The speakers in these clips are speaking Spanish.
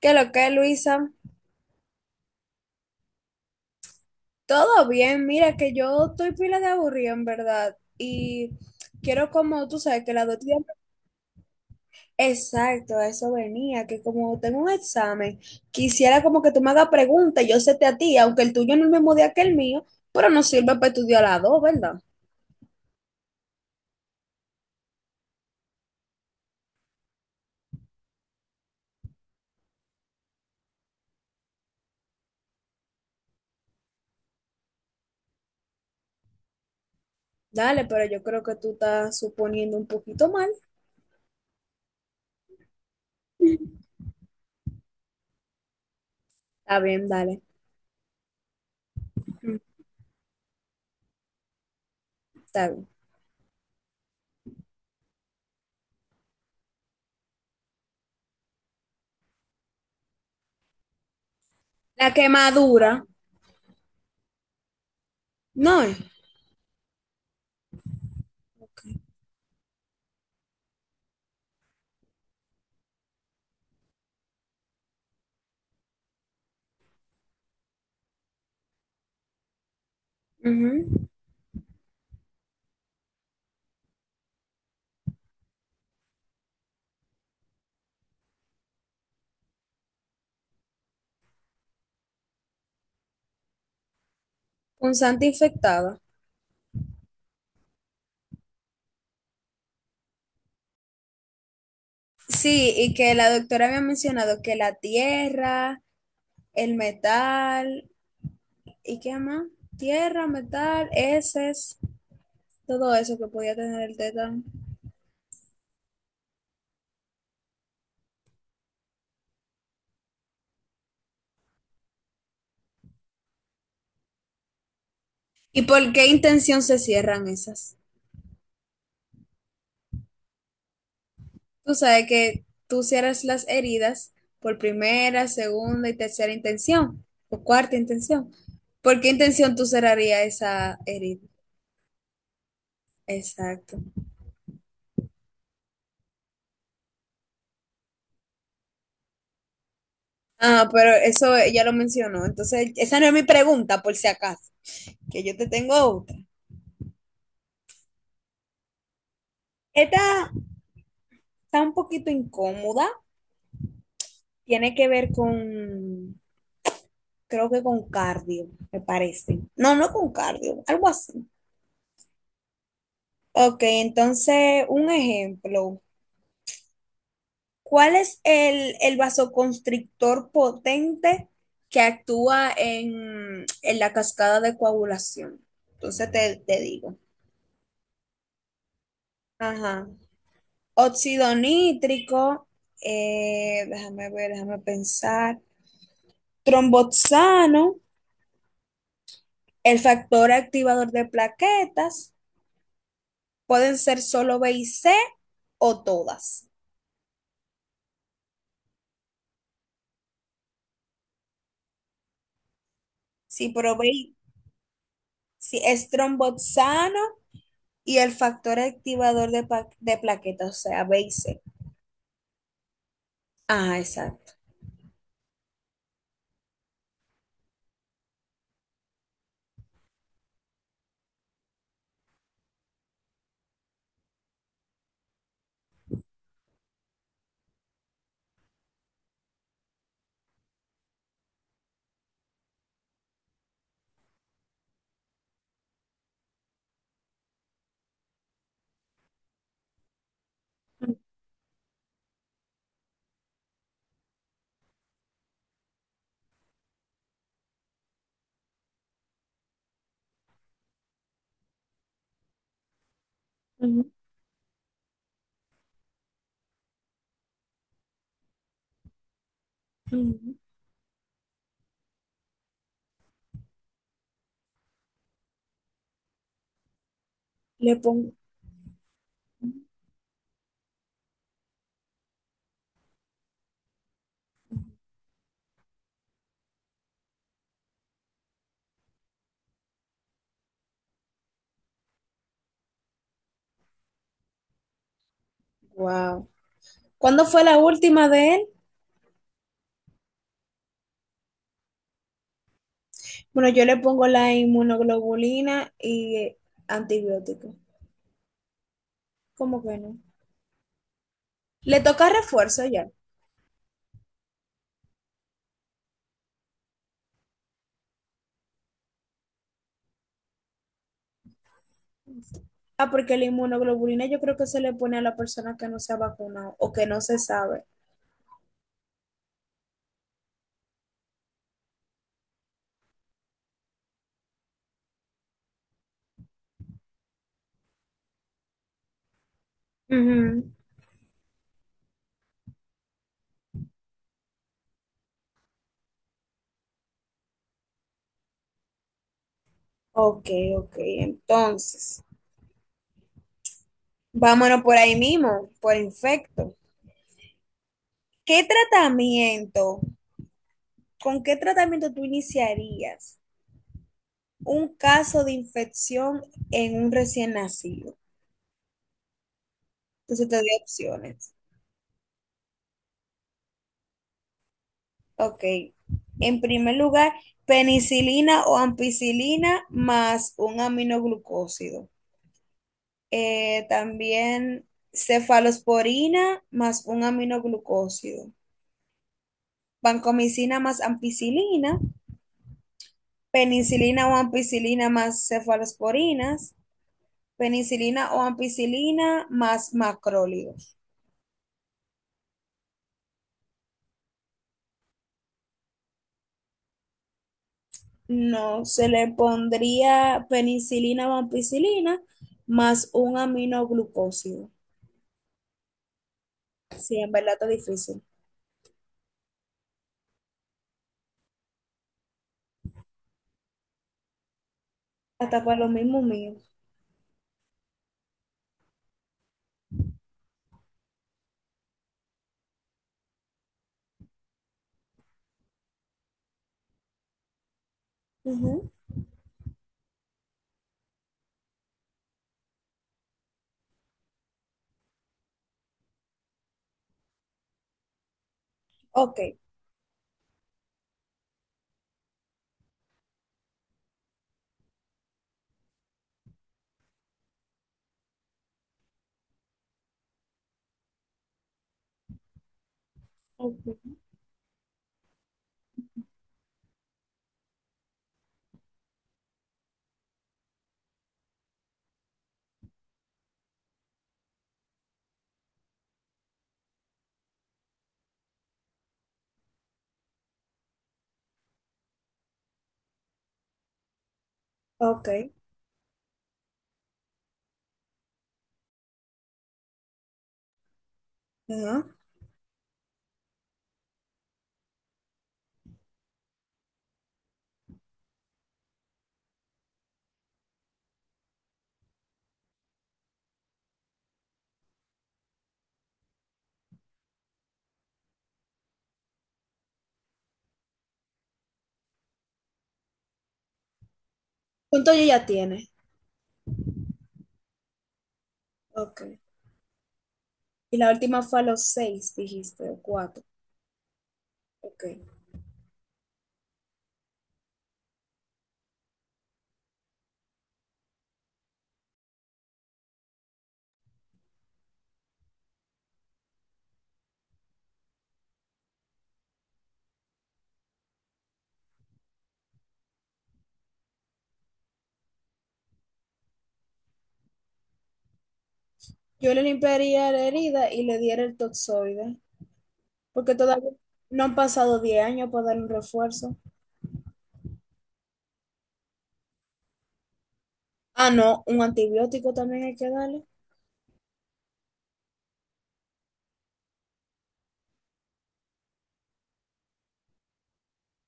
¿Qué lo que, Luisa? Todo bien, mira que yo estoy pila de aburrido en verdad y quiero como tú sabes que la 2 días... Exacto, a eso venía, que como tengo un examen, quisiera como que tú me hagas preguntas, y yo sé te a ti, aunque el tuyo no es el mismo día que el mío, pero nos sirve para estudiar las dos, ¿verdad? Dale, pero yo creo que tú estás suponiendo un poquito mal. Está bien, dale, está bien. La quemadura, no es. Ujú, punzante infectada. Sí, y que la doctora había mencionado que la tierra, el metal, ¿y qué más? Tierra, metal, heces, todo eso que podía tener el tétano. ¿Y por qué intención se cierran esas? Tú sabes que tú cierras las heridas por primera, segunda y tercera intención, o cuarta intención. ¿Por qué intención tú cerrarías esa herida? Exacto. Ah, pero eso ya lo mencionó. Entonces, esa no es mi pregunta, por si acaso, que yo te tengo otra. Esta está un poquito incómoda, tiene que ver con, creo que con cardio, me parece. No, no con cardio, algo así. Ok, entonces un ejemplo. ¿Cuál es el vasoconstrictor potente que actúa en la cascada de coagulación? Entonces te digo. Ajá. Óxido nítrico, déjame ver, déjame pensar. Tromboxano. El factor activador de plaquetas pueden ser solo B y C o todas. Si probé, si es tromboxano y el factor activador de plaquetas, o sea, B y C. Ah, exacto. Ujú, ujú. Le pongo, wow. ¿Cuándo fue la última de él? Bueno, yo le pongo la inmunoglobulina y antibiótico. ¿Cómo que no? Le toca refuerzo ya. Ah, porque la inmunoglobulina yo creo que se le pone a la persona que no se ha vacunado o que no se sabe. Ujú. Ok, ok. Entonces, vámonos por ahí mismo, por infecto. ¿Qué tratamiento, con qué tratamiento tú iniciarías un caso de infección en un recién nacido? Entonces te doy opciones. Ok. En primer lugar, penicilina o ampicilina más un aminoglucósido. También cefalosporina más un aminoglucósido, vancomicina más ampicilina, penicilina o ampicilina más cefalosporinas, penicilina o ampicilina más macrólidos. No, se le pondría penicilina o ampicilina más un aminoglucósido. Sí, en verdad está difícil. Hasta para lo mismo mío. Ujú. Ok, Ok. Ok. Ajá. ¿Cuánto ella ya tiene? Ok. Y la última fue a los seis, dijiste, o cuatro. Ok. Yo le limpiaría la herida y le diera el toxoide, porque todavía no han pasado 10 años para dar un refuerzo. Ah, no, un antibiótico también hay que darle.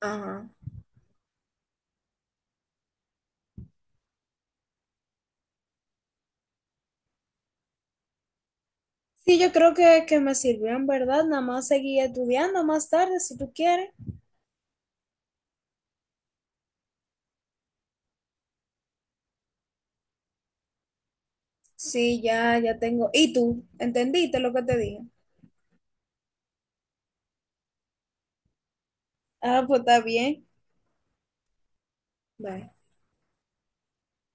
Ajá. Sí, yo creo que me sirvió en verdad. Nada más seguí estudiando más tarde si tú quieres. Sí, ya, ya tengo. ¿Y tú? ¿Entendiste lo que te dije? Ah, pues está bien. Bye.